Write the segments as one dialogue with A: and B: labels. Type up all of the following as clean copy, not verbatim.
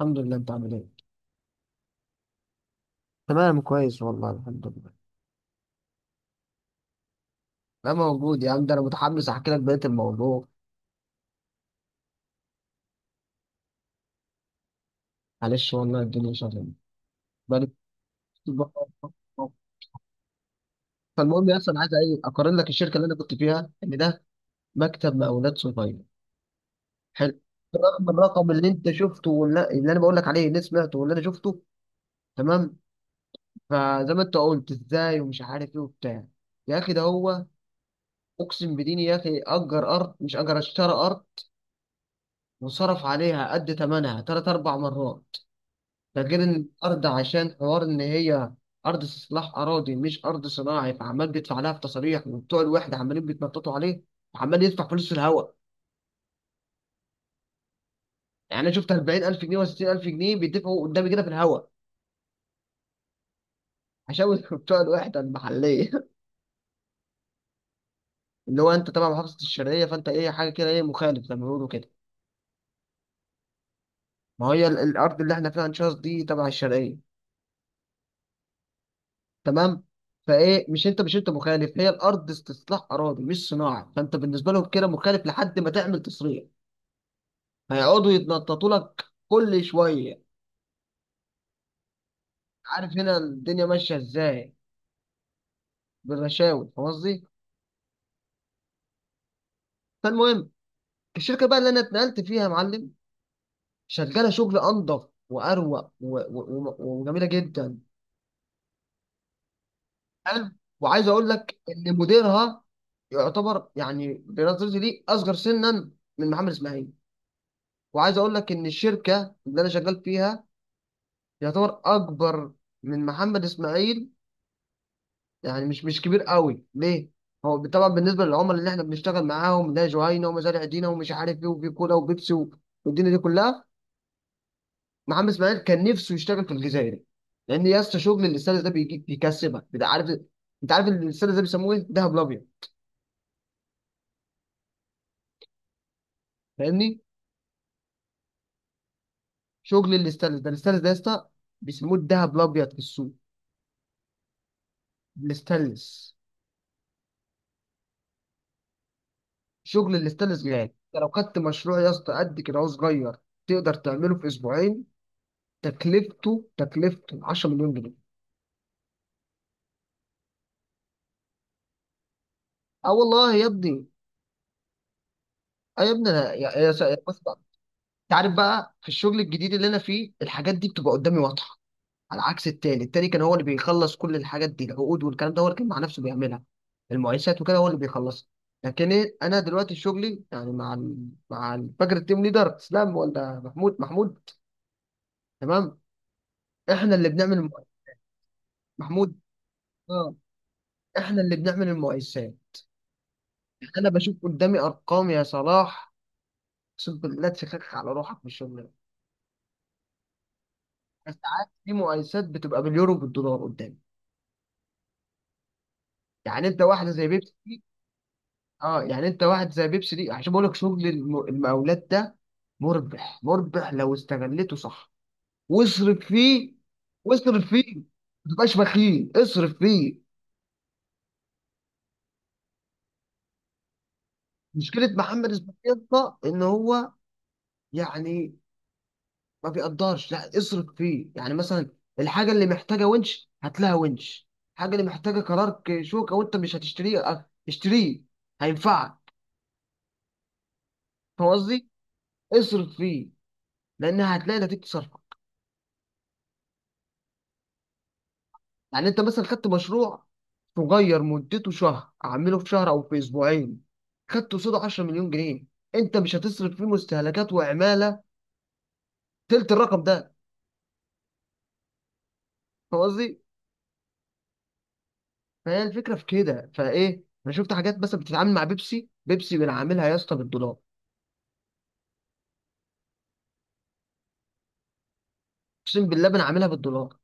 A: الحمد لله. انت عامل ايه؟ تمام، كويس والله، الحمد لله. انا موجود يا عم، ده انا متحمس احكي لك بقيه الموضوع. معلش والله، الدنيا شغاله. بقالي كتير بقى- فالمهم يا، اصلا عايز ايه، اقارن لك الشركه اللي انا كنت فيها ان ده مكتب مقاولات صغير. حلو. رغم الرقم اللي انت شفته واللي انا بقول لك عليه اللي سمعته واللي انا شفته، تمام. فزي ما انت قلت ازاي ومش عارف ايه وبتاع، يا اخي ده هو. اقسم بديني يا اخي اجر ارض مش اجر، اشترى ارض وصرف عليها قد ثمنها ثلاث اربع مرات. ده غير ان الارض عشان حوار ان هي ارض استصلاح اراضي، مش ارض صناعي، فعمال بيدفع لها في تصاريح وبتوع الوحده عمالين بيتنططوا عليه، وعمال يدفع فلوس في الهواء. يعني انا شفت 40,000 جنيه و60000 جنيه بيدفعوا قدامي كده في الهواء عشان بتوع الوحده المحليه. اللي هو انت تبع محافظه الشرقيه، فانت ايه، حاجه كده، ايه، مخالف زي ما بيقولوا كده. ما هي الارض اللي احنا فيها ان شاء الله دي تبع الشرقيه، تمام. فايه مش انت مخالف، هي الارض استصلاح اراضي مش صناعي، فانت بالنسبه لهم كده مخالف لحد ما تعمل تصريح. هيقعدوا يتنططوا لك كل شويه. عارف هنا الدنيا ماشيه ازاي؟ بالرشاوي، فاهم قصدي. فالمهم، الشركه بقى اللي انا اتنقلت فيها يا معلم شغاله شغل انضف واروق و- و- و- وجميله جدا. حلو. وعايز اقول لك ان مديرها يعتبر يعني بنظرتي ليه اصغر سنا من محمد اسماعيل. وعايز اقول لك ان الشركه اللي انا شغال فيها يعتبر اكبر من محمد اسماعيل، يعني مش كبير قوي ليه. هو طبعا بالنسبه للعملاء اللي احنا بنشتغل معاهم ده جهينه ومزارع دينا ومش عارف ايه، وفي كولا وبيبسي و- والدنيا دي كلها. محمد اسماعيل كان نفسه يشتغل في الجزائر، لان يا اسطى شغل الاستاذ ده بيجيب، بيكسبك، انت عارف. انت عارف الاستاذ ده بيسموه ايه؟ دهب الابيض، فاهمني. شغل الاستاذ ده، الاستاذ ده يا اسطى بيسموه الدهب الابيض في السوق، الاستانلس. شغل الاستانلس غالي، انت لو خدت مشروع يا اسطى قد كده، هو صغير تقدر تعمله في اسبوعين، تكلفته 10 مليون جنيه. اه والله يا ابني. اه يا ابني انا بص بقى. انت عارف بقى في الشغل الجديد اللي انا فيه الحاجات دي بتبقى قدامي واضحه، على عكس التاني كان هو اللي بيخلص كل الحاجات دي، العقود والكلام ده هو اللي كان مع نفسه بيعملها، المقايسات وكده هو اللي بيخلصها. لكن إيه، انا دلوقتي شغلي يعني مع فاكر التيم ليدر اسلام ولا محمود؟ محمود، تمام. احنا اللي بنعمل محمود، اه. احنا اللي بنعمل المقايسات. انا بشوف قدامي ارقام يا صلاح، اقسم بالله تفكك على روحك في الشغل. ساعات في مقايسات بتبقى باليورو بالدولار قدامي. يعني انت واحده زي بيبسي دي، اه، يعني انت واحد زي بيبسي دي، عشان بقول لك شغل المقاولات ده مربح، مربح لو استغلته صح واصرف فيه. واصرف فيه، ما تبقاش بخيل، اصرف فيه. مشكله محمد اسماعيل ده ان هو يعني ما بيقدرش لا اصرف فيه، يعني مثلا الحاجه اللي محتاجه ونش هات لها ونش، الحاجه اللي محتاجه كرارك شوكه وانت مش هتشتريه، اه، اشتريه، هينفعك. فاهم قصدي؟ اصرف فيه لان هتلاقي نتيجة صرفك. يعني انت مثلا خدت مشروع صغير مدته شهر، اعمله في شهر او في اسبوعين، خدت قصاده 10 مليون جنيه، انت مش هتصرف فيه مستهلكات وعماله تلت الرقم ده. فاهم قصدي؟ فهي الفكره في كده. فايه، انا شفت حاجات مثلا بتتعامل مع بيبسي، بيبسي بنعملها يا اسطى بالدولار. اقسم بالله بنعملها بالدولار.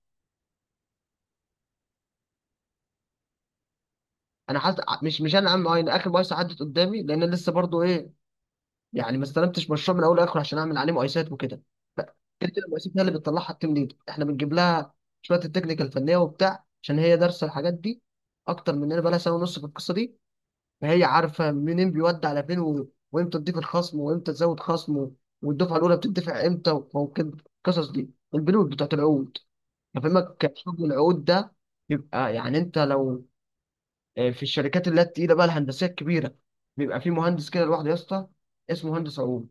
A: انا حاسس مش انا عامل اخر مؤسسه عدت قدامي، لان أنا لسه برضو ايه، يعني ما استلمتش مشروع من اول لاخر عشان اعمل عليه مقايسات وكده. ف- كده كده، المقايسات هي اللي بتطلعها التيم ليد، احنا بنجيب لها شويه التكنيكال الفنيه وبتاع، عشان هي دارسه الحاجات دي اكتر مننا، بقى لها سنه ونص في القصه دي. فهي عارفه منين بيودي على فين وامتى تضيف الخصم، وامتى تزود خصم والدفعه الاولى بتدفع امتى، و- وممكن القصص دي، البنود بتاعت العقود. هفهمك حجم العقود ده. يبقى يعني انت لو، آه، في الشركات اللي هي التقيله بقى الهندسيه الكبيره بيبقى في مهندس كده لوحده يا اسطى اسمه مهندس عقود.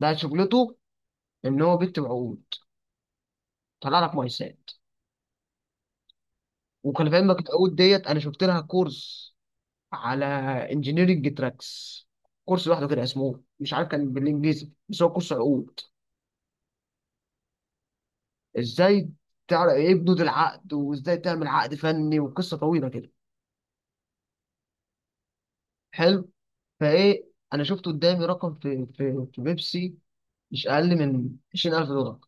A: ده شغلته ان هو بيكتب عقود، طلع لك مقايسات. وكان في علمك العقود ديت انا شفت لها كورس على انجينيرنج تراكس، كورس لوحده كده اسمه مش عارف، كان بالانجليزي، بس هو كورس عقود ازاي تعرف ايه بنود العقد، وازاي تعمل عقد فني، وقصه طويله كده. حلو. فايه، انا شفت قدامي رقم في بيبسي مش اقل من 20,000 دولار.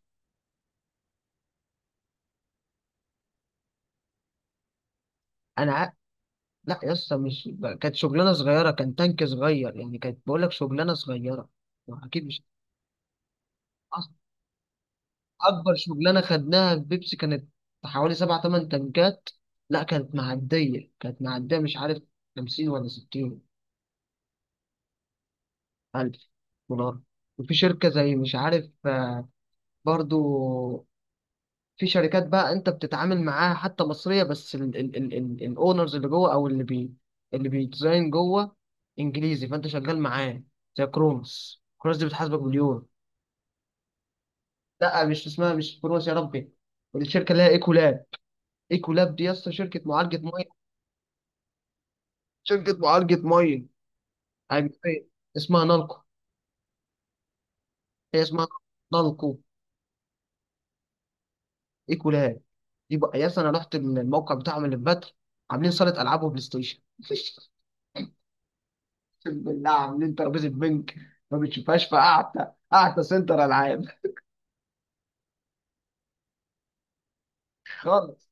A: انا ع- لا يا اسطى، مش، كانت شغلانه صغيره، كان تانك صغير، يعني كانت بقول لك شغلانه صغيره، اكيد مش، أص- اكبر شغلانه خدناها في بيبسي كانت حوالي سبع تمن تنكات. لا كانت معديه، مش عارف، 50 ولا 60 الف دولار. وفي شركه زي مش عارف، آه، برضو، في شركات بقى انت بتتعامل معاها حتى مصريه بس الاونرز اللي جوه او اللي اللي بيديزاين جوه انجليزي، فانت شغال معاه. زي كرونوس، كرونوس دي بتحاسبك باليورو. لا مش اسمها، مش كرونوس، يا ربي، الشركه اللي هي ايكولاب. ايكولاب دي يا اسطى شركه معالجه، شركة معالجة مية أجنبية. اسمها نالكو، هي اسمها نالكو، إيكولاب. يبقى يا، أنا رحت الموقع بتاعهم اللي في بدر، عاملين صالة ألعاب وبلاي ستيشن. اقسم بالله عاملين ترابيزة بنك ما بتشوفهاش في قعدة، قعدة سنتر ألعاب. خالص.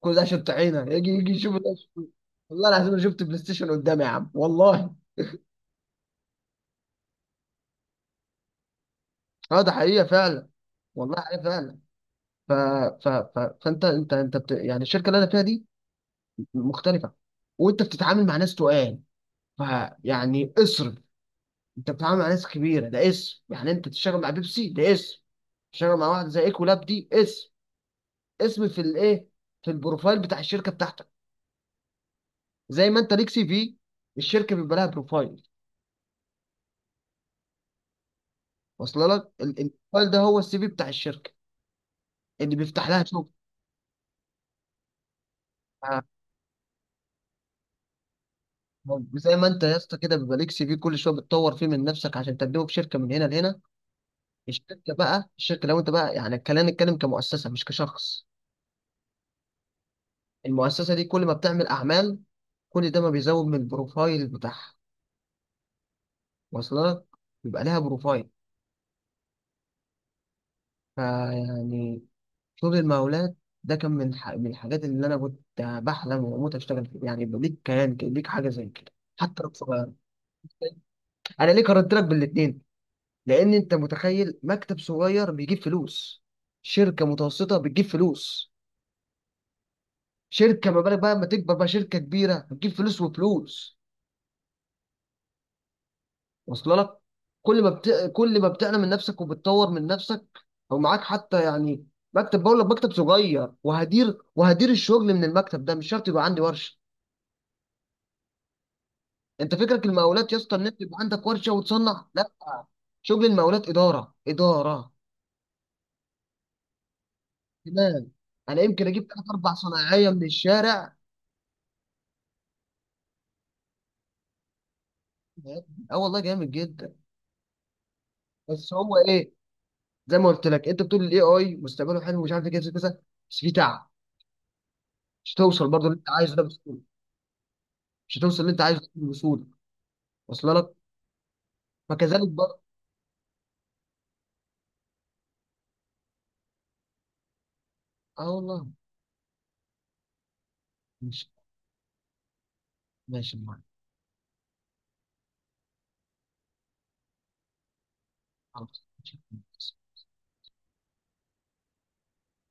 A: كل ده شط عينه يجي، يجي يشوف ده يشوف. والله العظيم أنا شفت بلاي ستيشن قدامي يا عم، والله. اه ده حقيقة فعلا، والله حقيقة فعلا. ف... ف... ف... فأنت أنت بت... يعني الشركة اللي أنا فيها دي مختلفة، وانت بتتعامل مع ناس تقال، فيعني اصرف. انت بتتعامل مع ناس كبيره، ده اسم، يعني انت تشتغل مع بيبسي ده اسم، تشتغل مع واحد زي ايكولاب دي اسم، اسم في الايه، في البروفايل بتاع الشركه بتاعتك. زي ما انت ليك سي في، الشركه بيبقى لها بروفايل واصل لك البروفايل ده هو السي في بتاع الشركه اللي بيفتح لها شغل. آه، زي ما انت يا اسطى كده بيبقى ليك سي في كل شويه بتطور فيه من نفسك عشان تقدمه في شركه من هنا لهنا. الشركه بقى، الشركه لو انت بقى يعني الكلام نتكلم كمؤسسه مش كشخص، المؤسسة دي كل ما بتعمل أعمال، كل ده ما بيزود من البروفايل بتاعها واصلك، يبقى لها بروفايل. فيعني شغل المقاولات ده كان من من الحاجات اللي أنا كنت بحلم وأموت أشتغل فيها، يعني يبقى ليك كيان كده، ليك حاجة زي كده، حتى لو صغير. أنا ليه قارنت لك بالاتنين؟ لأن أنت متخيل مكتب صغير بيجيب فلوس، شركة متوسطة بتجيب فلوس، شركة ما بالك بقى لما تكبر بقى شركة كبيرة بتجيب فلوس وفلوس واصله لك. كل ما بت... كل ما بتقلم من نفسك وبتطور من نفسك او معاك حتى. يعني مكتب، بقول لك مكتب صغير وهدير، وهدير الشغل من المكتب ده مش شرط يبقى عندي ورشه. انت فكرك المقاولات يا اسطى ان انت يبقى عندك ورشه وتصنع، لا، شغل المقاولات اداره، اداره، تمام. انا يمكن اجيب ثلاث اربع صنايعيه من الشارع. اه والله جامد جدا. بس هو ايه، زي ما قلت لك انت بتقول الاي اي مستقبله حلو ومش عارف ايه كذا كذا، بس في تعب، مش هتوصل برضه اللي انت عايزه ده بسهوله. مش هتوصل اللي انت عايزه ده بسهوله، وصل لك. فكذلك برضه. اه والله. ماشي، ماشي معاك. خلاص.